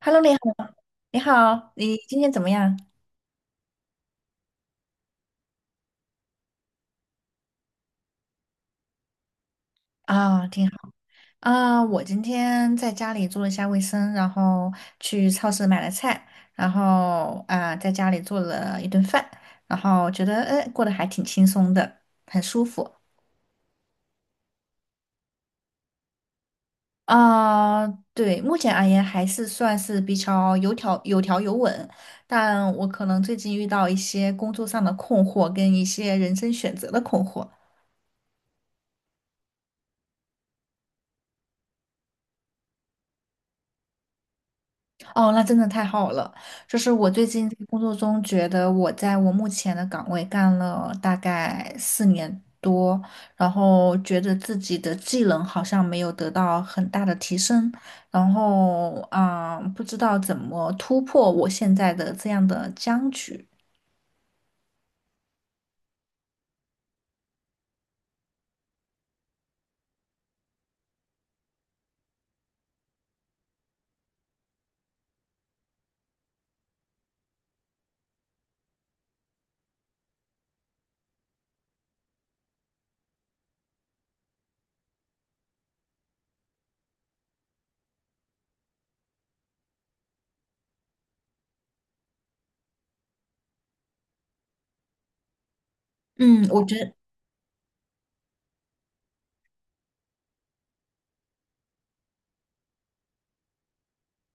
Hello，你好，你好，你今天怎么样？啊、挺好。啊、我今天在家里做了一下卫生，然后去超市买了菜，然后啊、在家里做了一顿饭，然后觉得哎，过得还挺轻松的，很舒服。啊、对，目前而言还是算是比较有条有稳，但我可能最近遇到一些工作上的困惑，跟一些人生选择的困惑。哦，那真的太好了！就是我最近在工作中觉得我在我目前的岗位干了大概4年多，然后觉得自己的技能好像没有得到很大的提升，然后啊，不知道怎么突破我现在的这样的僵局。嗯，我觉得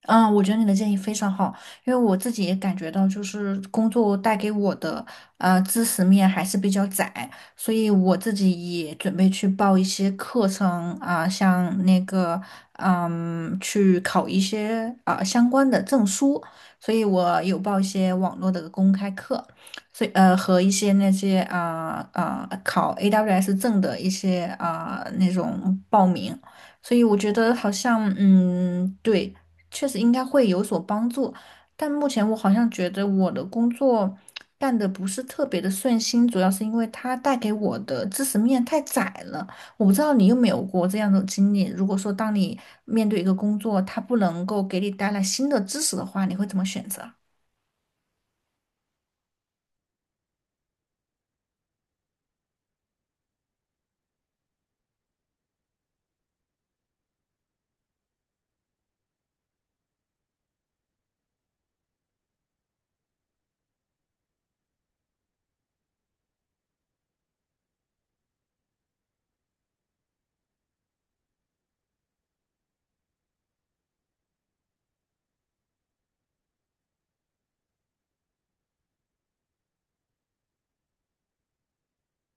嗯，我觉得你的建议非常好，因为我自己也感觉到，就是工作带给我的知识面还是比较窄，所以我自己也准备去报一些课程啊、像那个去考一些啊、相关的证书，所以我有报一些网络的公开课，所以和一些那些啊啊、考 AWS 证的一些啊、那种报名。所以我觉得好像，嗯，对，确实应该会有所帮助，但目前我好像觉得我的工作干得不是特别的顺心，主要是因为它带给我的知识面太窄了。我不知道你有没有过这样的经历，如果说当你面对一个工作，它不能够给你带来新的知识的话，你会怎么选择？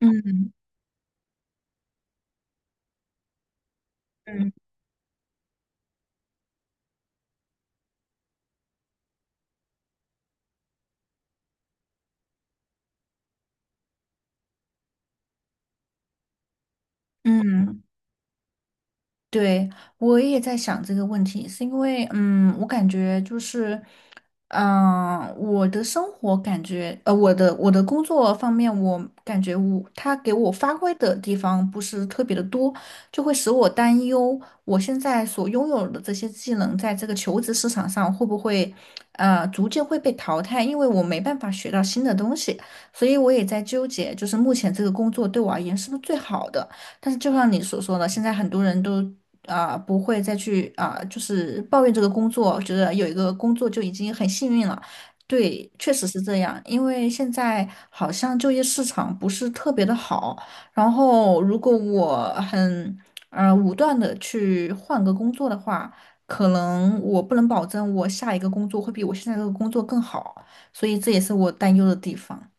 嗯嗯嗯，对，我也在想这个问题，是因为，嗯，我感觉就是，我的生活感觉，我的工作方面，我感觉我他给我发挥的地方不是特别的多，就会使我担忧，我现在所拥有的这些技能，在这个求职市场上会不会，逐渐会被淘汰，因为我没办法学到新的东西，所以我也在纠结，就是目前这个工作对我而言是不是最好的。但是就像你所说的，现在很多人都啊、不会再去啊、就是抱怨这个工作，觉得有一个工作就已经很幸运了。对，确实是这样，因为现在好像就业市场不是特别的好，然后如果我很武断的去换个工作的话，可能我不能保证我下一个工作会比我现在这个工作更好，所以这也是我担忧的地方。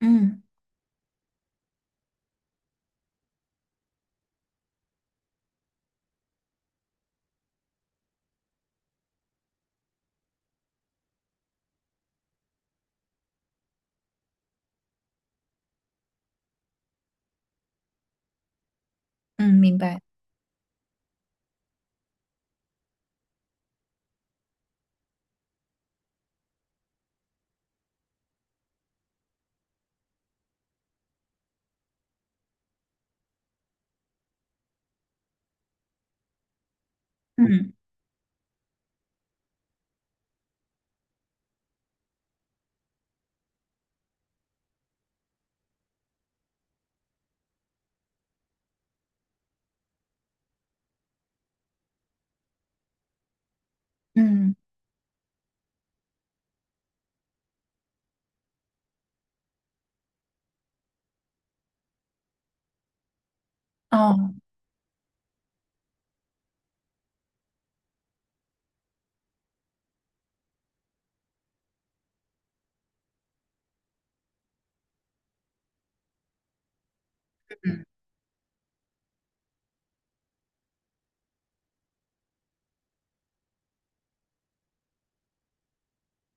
嗯嗯，明白。嗯嗯哦。嗯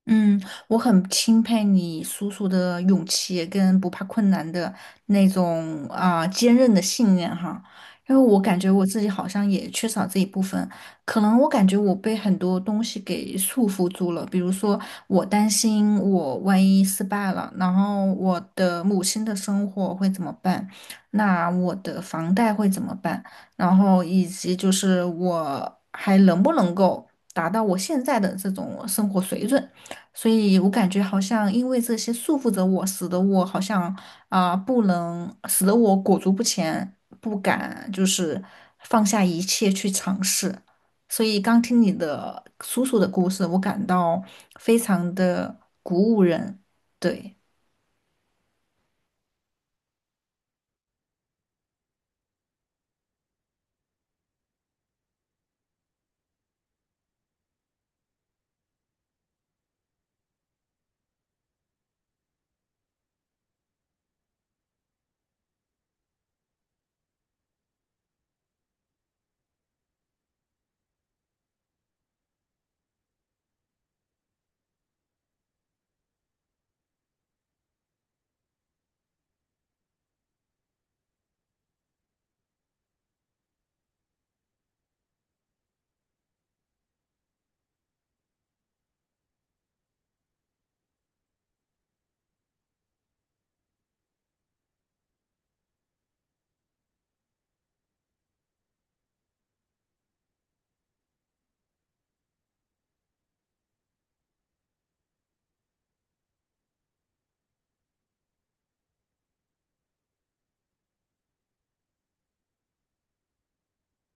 嗯，我很钦佩你叔叔的勇气跟不怕困难的那种啊、坚韧的信念哈，因为我感觉我自己好像也缺少这一部分，可能我感觉我被很多东西给束缚住了，比如说我担心我万一失败了，然后我的母亲的生活会怎么办，那我的房贷会怎么办，然后以及就是我还能不能够达到我现在的这种生活水准。所以我感觉好像因为这些束缚着我，使得我好像啊、不能，使得我裹足不前，不敢就是放下一切去尝试。所以刚听你的叔叔的故事，我感到非常的鼓舞人。对，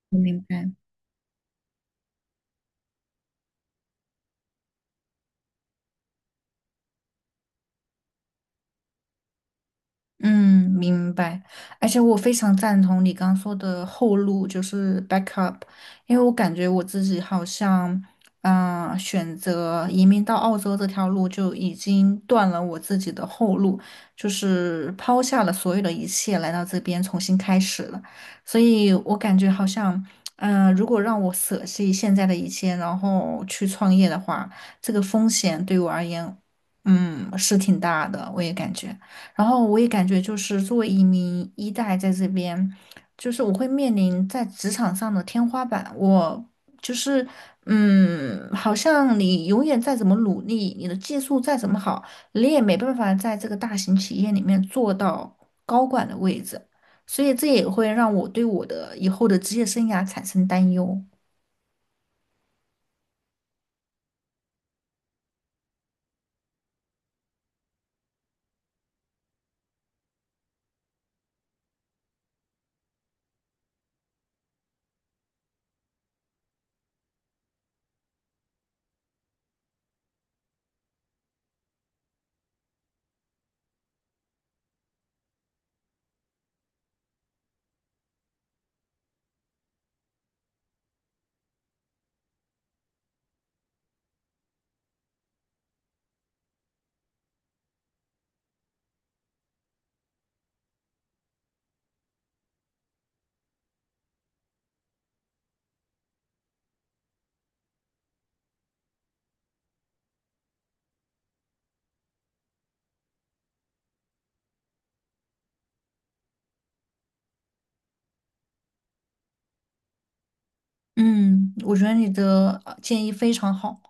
我明白。嗯，明白。而且我非常赞同你刚说的后路，就是 backup，因为我感觉我自己好像，选择移民到澳洲这条路就已经断了我自己的后路，就是抛下了所有的一切来到这边重新开始了。所以我感觉好像，如果让我舍弃现在的一切，然后去创业的话，这个风险对我而言，嗯，是挺大的，我也感觉。然后我也感觉就是作为一名一代在这边，就是我会面临在职场上的天花板。我就是嗯，好像你永远再怎么努力，你的技术再怎么好，你也没办法在这个大型企业里面做到高管的位置。所以这也会让我对我的以后的职业生涯产生担忧。嗯，我觉得你的建议非常好。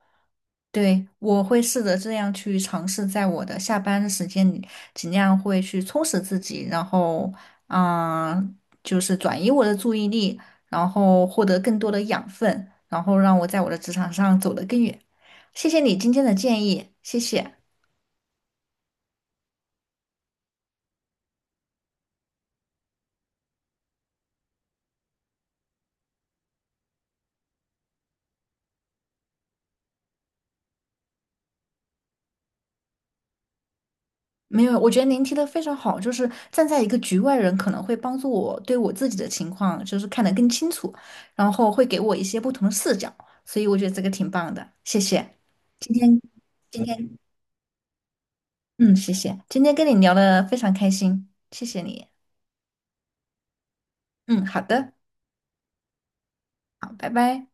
对，我会试着这样去尝试，在我的下班的时间里，尽量会去充实自己，然后，嗯，就是转移我的注意力，然后获得更多的养分，然后让我在我的职场上走得更远。谢谢你今天的建议，谢谢。没有，我觉得您提的非常好，就是站在一个局外人，可能会帮助我对我自己的情况就是看得更清楚，然后会给我一些不同的视角，所以我觉得这个挺棒的，谢谢。今天今天。嗯，谢谢，今天跟你聊的非常开心，谢谢你。嗯，好的，好，拜拜。